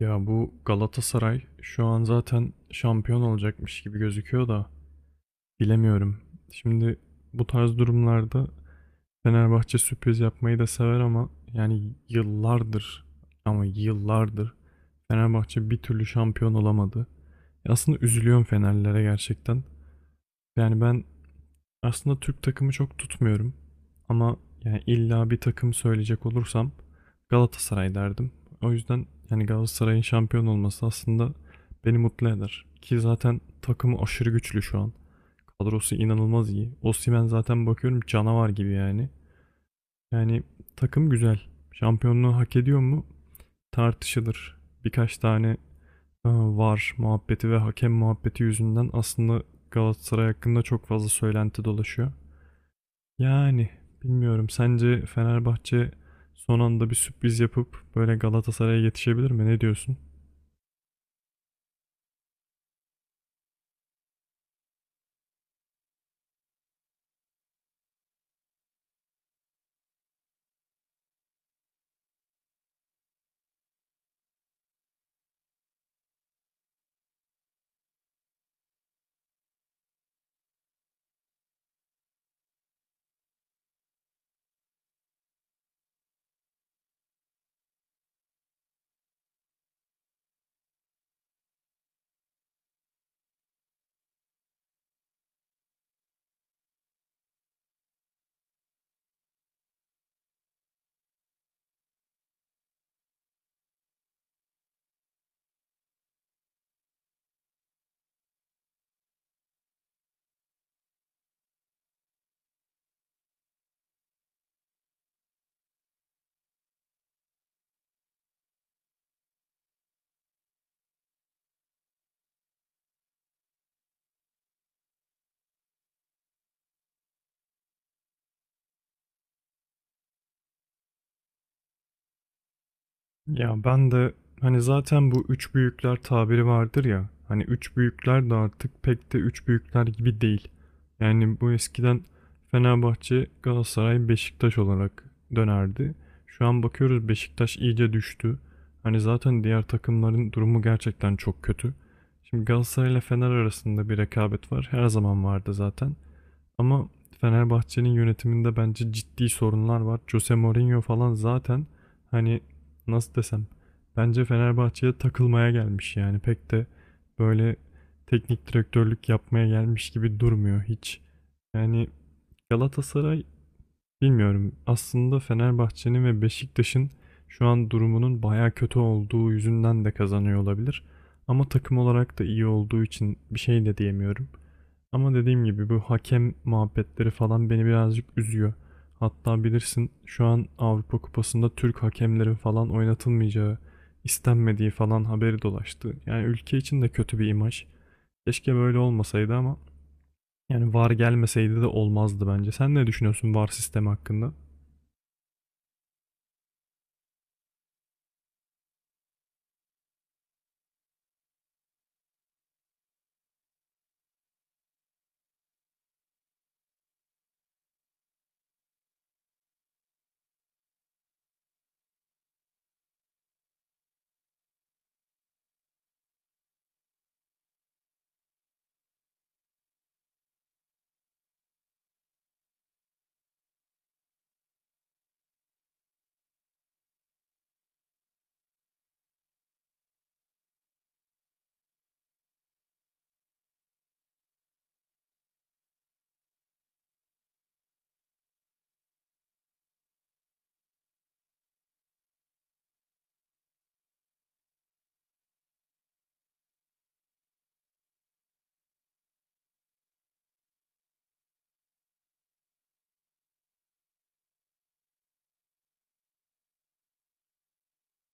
Ya bu Galatasaray şu an zaten şampiyon olacakmış gibi gözüküyor da bilemiyorum. Şimdi bu tarz durumlarda Fenerbahçe sürpriz yapmayı da sever ama yani yıllardır Fenerbahçe bir türlü şampiyon olamadı. Aslında üzülüyorum Fenerlilere gerçekten. Yani ben aslında Türk takımı çok tutmuyorum. Ama yani illa bir takım söyleyecek olursam Galatasaray derdim. O yüzden yani Galatasaray'ın şampiyon olması aslında beni mutlu eder. Ki zaten takımı aşırı güçlü şu an. Kadrosu inanılmaz iyi. Osimhen zaten bakıyorum canavar gibi yani. Yani takım güzel. Şampiyonluğu hak ediyor mu? Tartışılır. Birkaç tane var muhabbeti ve hakem muhabbeti yüzünden aslında Galatasaray hakkında çok fazla söylenti dolaşıyor. Yani bilmiyorum. Sence Fenerbahçe son anda bir sürpriz yapıp böyle Galatasaray'a yetişebilir mi? Ne diyorsun? Ya ben de hani zaten bu üç büyükler tabiri vardır ya. Hani üç büyükler de artık pek de üç büyükler gibi değil. Yani bu eskiden Fenerbahçe, Galatasaray, Beşiktaş olarak dönerdi. Şu an bakıyoruz Beşiktaş iyice düştü. Hani zaten diğer takımların durumu gerçekten çok kötü. Şimdi Galatasaray ile Fener arasında bir rekabet var. Her zaman vardı zaten. Ama Fenerbahçe'nin yönetiminde bence ciddi sorunlar var. Jose Mourinho falan zaten hani nasıl desem bence Fenerbahçe'ye takılmaya gelmiş yani pek de böyle teknik direktörlük yapmaya gelmiş gibi durmuyor hiç. Yani Galatasaray bilmiyorum aslında Fenerbahçe'nin ve Beşiktaş'ın şu an durumunun baya kötü olduğu yüzünden de kazanıyor olabilir. Ama takım olarak da iyi olduğu için bir şey de diyemiyorum. Ama dediğim gibi bu hakem muhabbetleri falan beni birazcık üzüyor. Hatta bilirsin şu an Avrupa Kupası'nda Türk hakemlerin falan oynatılmayacağı, istenmediği falan haberi dolaştı. Yani ülke için de kötü bir imaj. Keşke böyle olmasaydı ama yani VAR gelmeseydi de olmazdı bence. Sen ne düşünüyorsun VAR sistemi hakkında?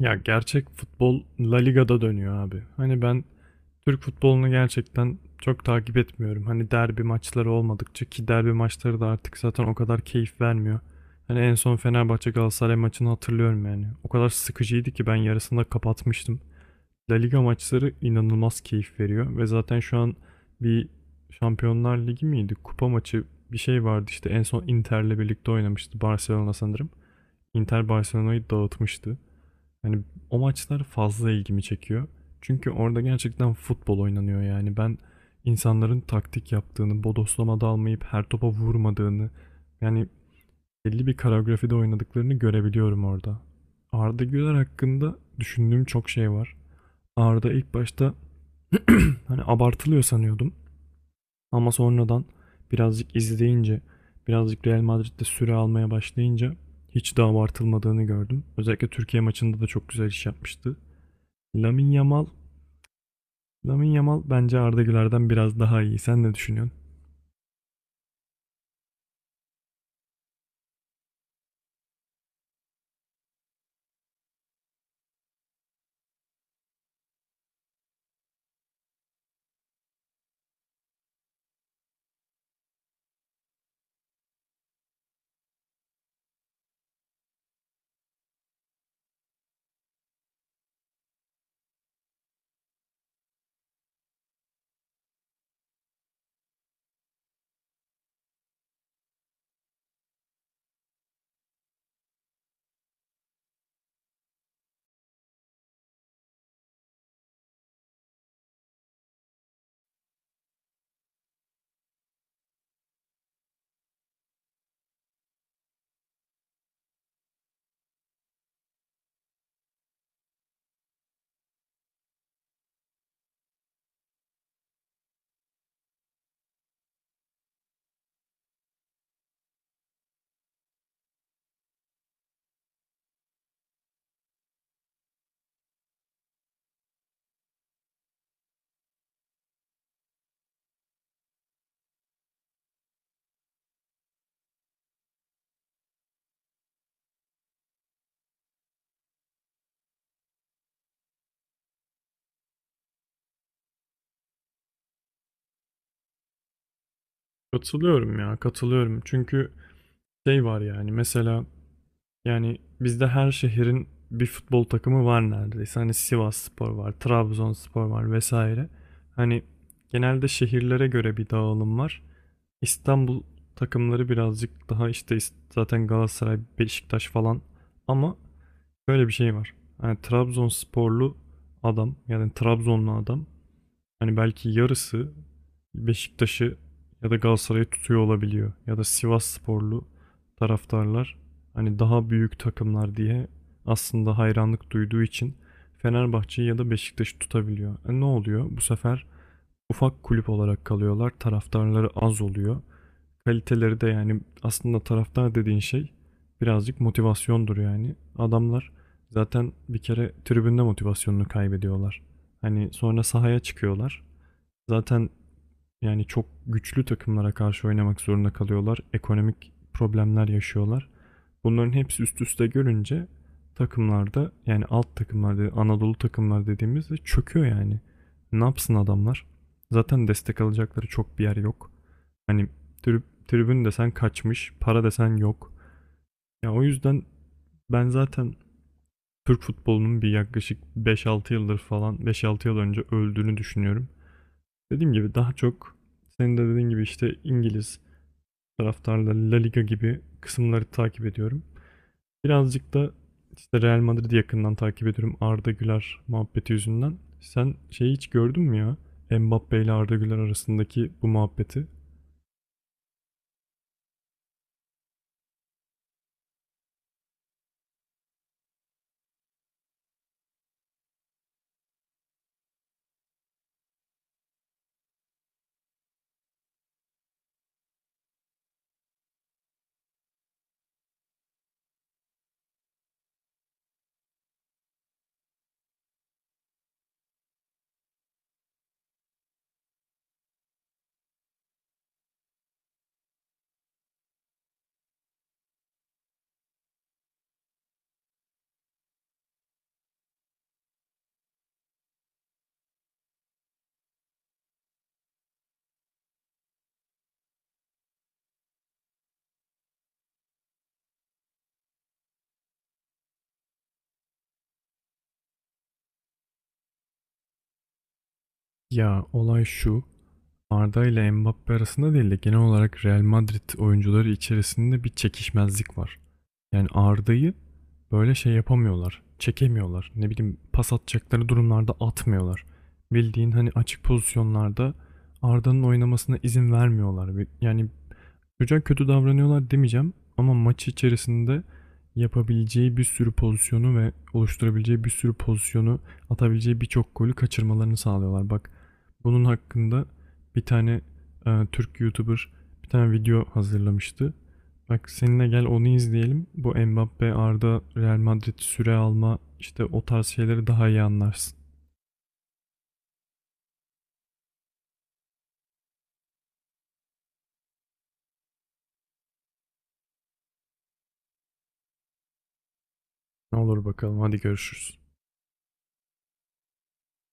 Ya gerçek futbol La Liga'da dönüyor abi. Hani ben Türk futbolunu gerçekten çok takip etmiyorum. Hani derbi maçları olmadıkça ki derbi maçları da artık zaten o kadar keyif vermiyor. Hani en son Fenerbahçe Galatasaray maçını hatırlıyorum yani. O kadar sıkıcıydı ki ben yarısında kapatmıştım. La Liga maçları inanılmaz keyif veriyor ve zaten şu an bir Şampiyonlar Ligi miydi? Kupa maçı bir şey vardı işte en son Inter'le birlikte oynamıştı Barcelona sanırım. Inter Barcelona'yı dağıtmıştı. Hani o maçlar fazla ilgimi çekiyor. Çünkü orada gerçekten futbol oynanıyor yani. Ben insanların taktik yaptığını, bodoslama dalmayıp her topa vurmadığını, yani belli bir koreografide oynadıklarını görebiliyorum orada. Arda Güler hakkında düşündüğüm çok şey var. Arda ilk başta hani abartılıyor sanıyordum. Ama sonradan birazcık izleyince, birazcık Real Madrid'de süre almaya başlayınca hiç de abartılmadığını gördüm. Özellikle Türkiye maçında da çok güzel iş yapmıştı. Lamine Yamal Lamine Yamal bence Arda Güler'den biraz daha iyi. Sen ne düşünüyorsun? Katılıyorum ya, katılıyorum. Çünkü şey var yani mesela yani bizde her şehrin bir futbol takımı var neredeyse. Hani Sivasspor var, Trabzonspor var vesaire. Hani genelde şehirlere göre bir dağılım var. İstanbul takımları birazcık daha işte zaten Galatasaray, Beşiktaş falan ama böyle bir şey var. Yani Trabzonsporlu adam yani Trabzonlu adam hani belki yarısı Beşiktaş'ı ya da Galatasaray'ı tutuyor olabiliyor. Ya da Sivassporlu taraftarlar hani daha büyük takımlar diye aslında hayranlık duyduğu için Fenerbahçe'yi ya da Beşiktaş'ı tutabiliyor. E ne oluyor? Bu sefer ufak kulüp olarak kalıyorlar. Taraftarları az oluyor. Kaliteleri de yani aslında taraftar dediğin şey birazcık motivasyondur yani. Adamlar zaten bir kere tribünde motivasyonunu kaybediyorlar. Hani sonra sahaya çıkıyorlar. Zaten yani çok güçlü takımlara karşı oynamak zorunda kalıyorlar. Ekonomik problemler yaşıyorlar. Bunların hepsi üst üste görünce takımlarda yani alt takımlarda Anadolu takımlar dediğimizde çöküyor yani. Ne yapsın adamlar? Zaten destek alacakları çok bir yer yok. Hani tribün desen kaçmış, para desen yok. Ya o yüzden ben zaten Türk futbolunun bir yaklaşık 5-6 yıldır falan 5-6 yıl önce öldüğünü düşünüyorum. Dediğim gibi daha çok senin de dediğin gibi işte İngiliz taraftarları La Liga gibi kısımları takip ediyorum. Birazcık da işte Real Madrid'i yakından takip ediyorum Arda Güler muhabbeti yüzünden. Sen şeyi hiç gördün mü ya? Mbappe ile Arda Güler arasındaki bu muhabbeti. Ya olay şu. Arda ile Mbappe arasında değil de genel olarak Real Madrid oyuncuları içerisinde bir çekişmezlik var. Yani Arda'yı böyle şey yapamıyorlar. Çekemiyorlar. Ne bileyim pas atacakları durumlarda atmıyorlar. Bildiğin hani açık pozisyonlarda Arda'nın oynamasına izin vermiyorlar. Ve yani çocuğa kötü davranıyorlar demeyeceğim ama maç içerisinde yapabileceği bir sürü pozisyonu ve oluşturabileceği bir sürü pozisyonu atabileceği birçok golü kaçırmalarını sağlıyorlar. Bak bunun hakkında bir tane Türk YouTuber bir tane video hazırlamıştı. Bak seninle gel onu izleyelim. Bu Mbappe, Arda, Real Madrid süre alma işte o tarz şeyleri daha iyi anlarsın. Ne olur bakalım hadi görüşürüz.